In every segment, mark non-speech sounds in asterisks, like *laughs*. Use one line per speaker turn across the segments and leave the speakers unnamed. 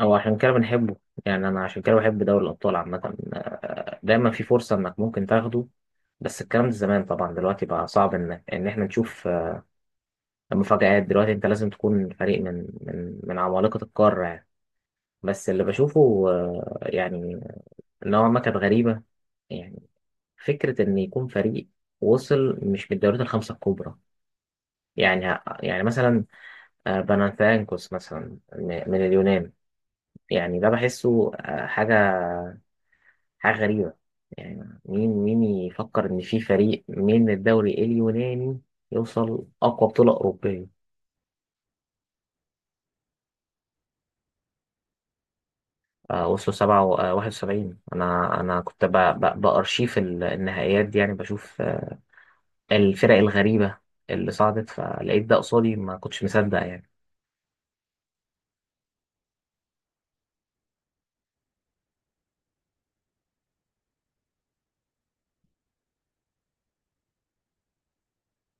هو عشان كده بنحبه. يعني انا عشان كده بحب دوري الابطال عامه، دايما في فرصه انك ممكن تاخده. بس الكلام ده زمان طبعا، دلوقتي بقى صعب ان احنا نشوف مفاجآت. دلوقتي انت لازم تكون فريق من من عمالقه القاره يعني. بس اللي بشوفه يعني نوعا ما كانت غريبه. يعني فكره ان يكون فريق وصل مش من الدوريات الخمسه الكبرى، يعني مثلا بانانثياكوس مثلا من اليونان. يعني ده بحسه حاجه، حاجة غريبة. يعني مين يفكر إن في فريق من الدوري اليوناني يوصل أقوى بطولة أوروبية؟ آه وصلوا سبعة و- آه، واحد وسبعين. أنا كنت بأرشيف النهائيات دي، يعني بشوف الفرق الغريبة اللي صعدت، فلقيت ده قصادي ما كنتش مصدق يعني.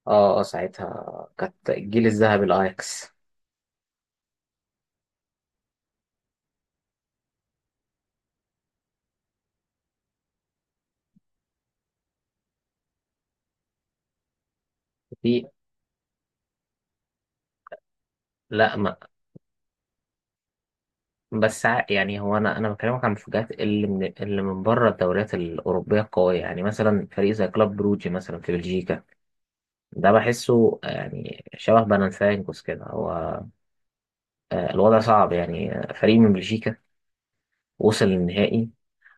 اه اه ساعتها كانت الجيل الذهبي الأياكس. في لا ما بس يعني هو انا بكلمك عن المفاجآت اللي من اللي من بره الدوريات الاوروبيه القويه. يعني مثلا فريق زي كلوب بروجي مثلا في بلجيكا، ده بحسه يعني شبه بلانسيانكوس كده. هو الوضع صعب يعني. فريق من بلجيكا وصل للنهائي،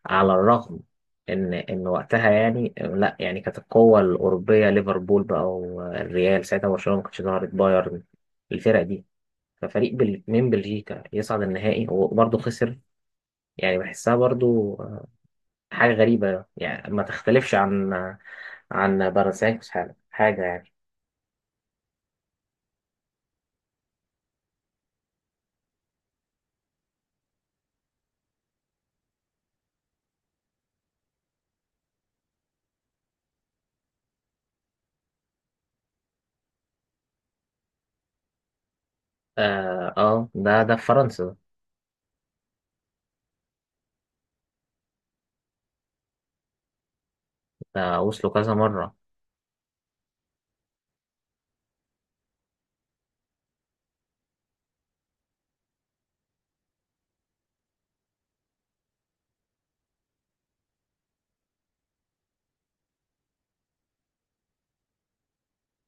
على الرغم ان وقتها يعني آه، لا يعني كانت القوة الأوروبية ليفربول بقى، والريال ساعتها، برشلونة ما كانتش ظهرت، بايرن، الفرق دي. ففريق من بلجيكا يصعد النهائي وبرضه خسر، يعني بحسها برضه حاجة غريبة يعني، ما تختلفش عن عن بلانسيانكوس. حاجة يعني. اه ده في فرنسا. ده وصلوا كذا مرة.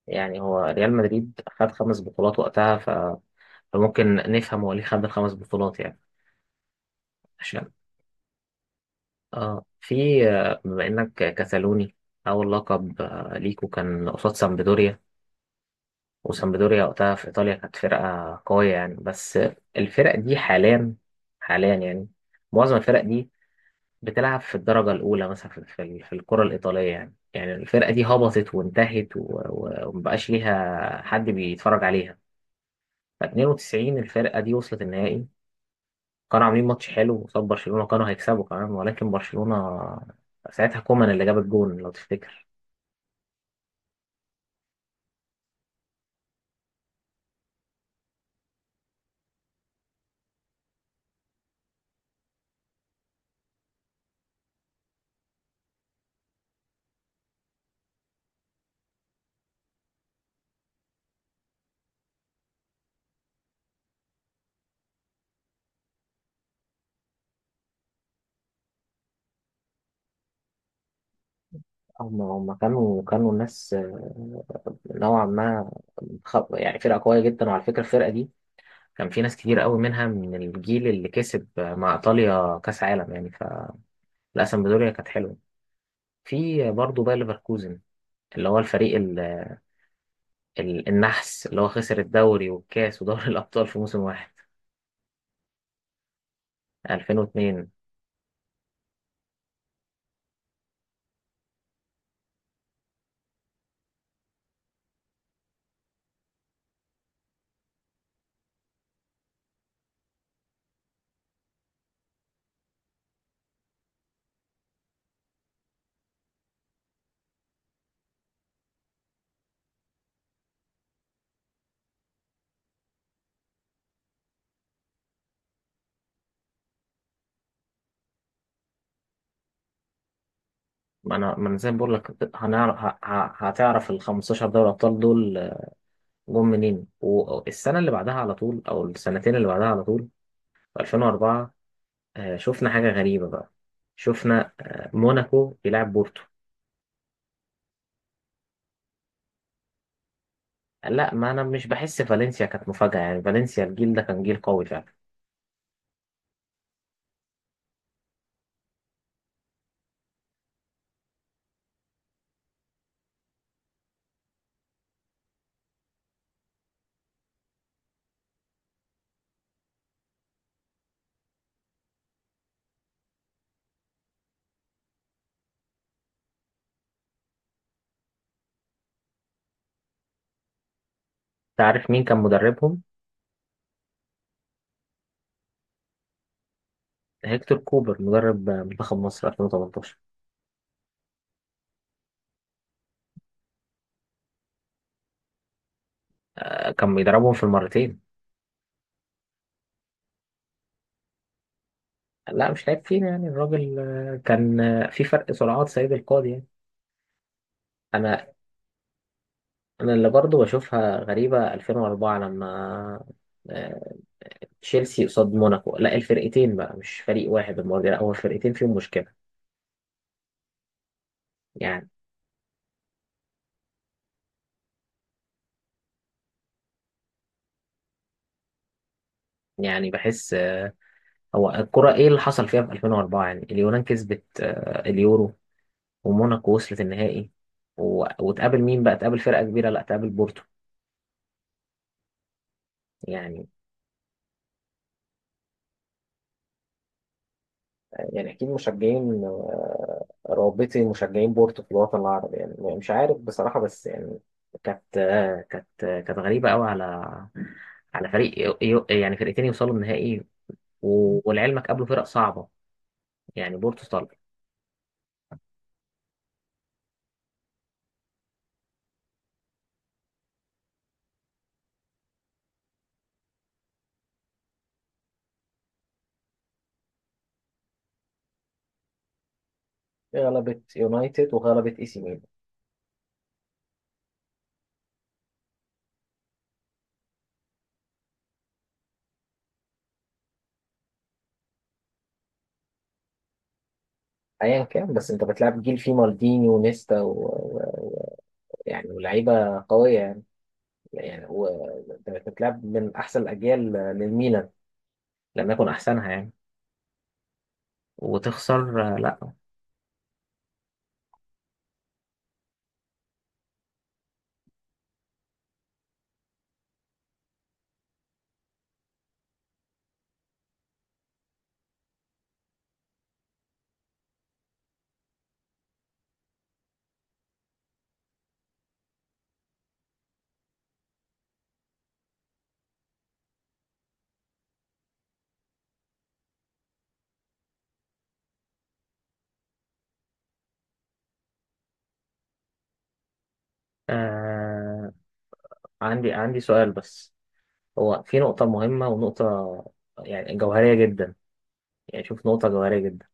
يعني هو ريال مدريد خد خمس بطولات وقتها، ف... فممكن نفهم هو ليه خد الخمس بطولات يعني، عشان. اه في آه، بما انك كتالوني، اول لقب ليكو كان قصاد سامبدوريا، وسامبدوريا وقتها في ايطاليا كانت فرقة قوية يعني. بس الفرق دي حاليا، حاليا يعني معظم الفرق دي بتلعب في الدرجة الأولى مثلا في في الكرة الإيطالية. يعني الفرقة دي هبطت وانتهت ومبقاش ليها حد بيتفرج عليها. 92 الفرقة دي وصلت النهائي، كانوا عاملين ماتش حلو قصاد برشلونة، كانوا هيكسبوا كمان، ولكن برشلونة ساعتها كومان اللي جاب الجون لو تفتكر. هم كانوا الناس نوعا ما يعني فرقة قوية جدا. وعلى فكرة الفرقة دي كان في ناس كتير قوي منها من الجيل اللي كسب مع إيطاليا كأس عالم يعني. فالأسمبدوريا كانت حلوة. في برضه باير ليفركوزن اللي هو الفريق النحس، اللي هو خسر الدوري والكاس ودوري *laughs* الأبطال في موسم واحد، 2002. ما انا زي ما بقول لك هنعرف هتعرف ال 15 دوري ابطال دول جم منين، والسنه اللي بعدها على طول او السنتين اللي بعدها على طول. في 2004 شفنا حاجه غريبه بقى، شفنا موناكو بيلعب بورتو. لا ما انا مش بحس فالنسيا كانت مفاجاه، يعني فالنسيا الجيل ده كان جيل قوي فعلا. تعرف مين كان مدربهم؟ هيكتور كوبر، مدرب منتخب مصر 2018. كان بيدربهم في المرتين. لا مش لعيب فينا، يعني الراجل كان في فرق سرعات سيد القاضي يعني. انا انا اللي برضو بشوفها غريبة 2004، لما آه، تشيلسي قصاد موناكو، لا الفرقتين بقى مش فريق واحد المرة دي، لا هو الفرقتين فيهم مشكلة يعني. بحس هو الكرة ايه اللي حصل فيها في 2004؟ يعني اليونان كسبت اليورو، وموناكو وصلت النهائي، وتقابل مين بقى؟ تقابل فرقة كبيرة؟ لا، تقابل بورتو يعني. يعني اكيد مشجعين رابطي مشجعين بورتو في الوطن العربي يعني، مش عارف بصراحه، بس يعني كانت كانت غريبه قوي على على فريق يعني فرقتين يوصلوا النهائي. ولعلمك قابلوا فرق صعبه، يعني بورتو صلب. غلبت يونايتد وغلبت اي سي ميلان. ايا كان، بس انت بتلعب جيل فيه مالديني ونيستا ويعني ولاعيبه قويه يعني. يعني وانت بتلعب من احسن الاجيال للميلان، لم يكن احسنها يعني، وتخسر؟ لا. آه. عندي سؤال بس. هو في نقطة مهمة، ونقطة يعني جوهرية جدا. يعني شوف، نقطة جوهرية جدا.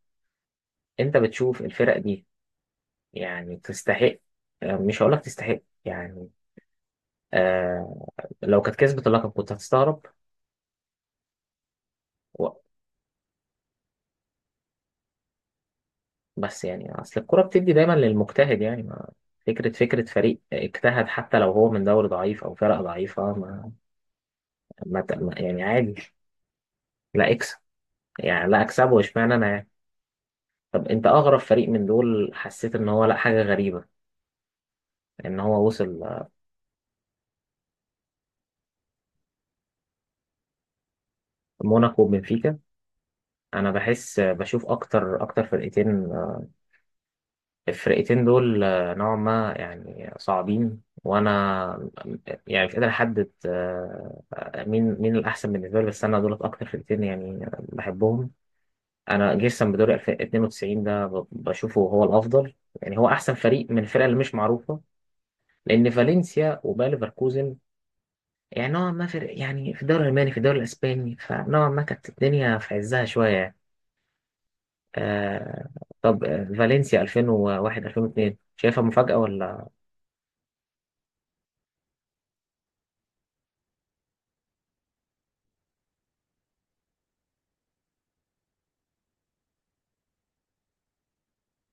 أنت بتشوف الفرق دي يعني تستحق؟ آه مش هقولك تستحق يعني، آه، لو كانت كسبت اللقب كنت هتستغرب؟ و- بس يعني أصل الكرة بتدي دايما للمجتهد يعني. ما فكرة فريق اجتهد حتى لو هو من دوري ضعيف أو فرق ضعيفة، يعني عادي، لا اكسب، يعني لا اكسبه، اشمعنى أنا يعني. طب انت اغرب فريق من دول حسيت ان هو لا، حاجه غريبه ان هو وصل موناكو وبنفيكا. انا بحس بشوف اكتر فرقتين الفرقتين دول نوعا ما يعني صعبين. وانا يعني مش قادر احدد مين الاحسن بالنسبه لي، بس انا دولت اكتر فرقتين يعني بحبهم. انا جيرسون بدوري 92 ده بشوفه هو الافضل، يعني هو احسن فريق من الفرق اللي مش معروفه. لان فالنسيا وباير ليفركوزن يعني نوعا ما في، يعني في الدوري الألماني في الدوري الأسباني، فنوعا ما كانت الدنيا في عزها شوية يعني. آه. طب فالنسيا 2001 2002 شايفها مفاجأة ولا؟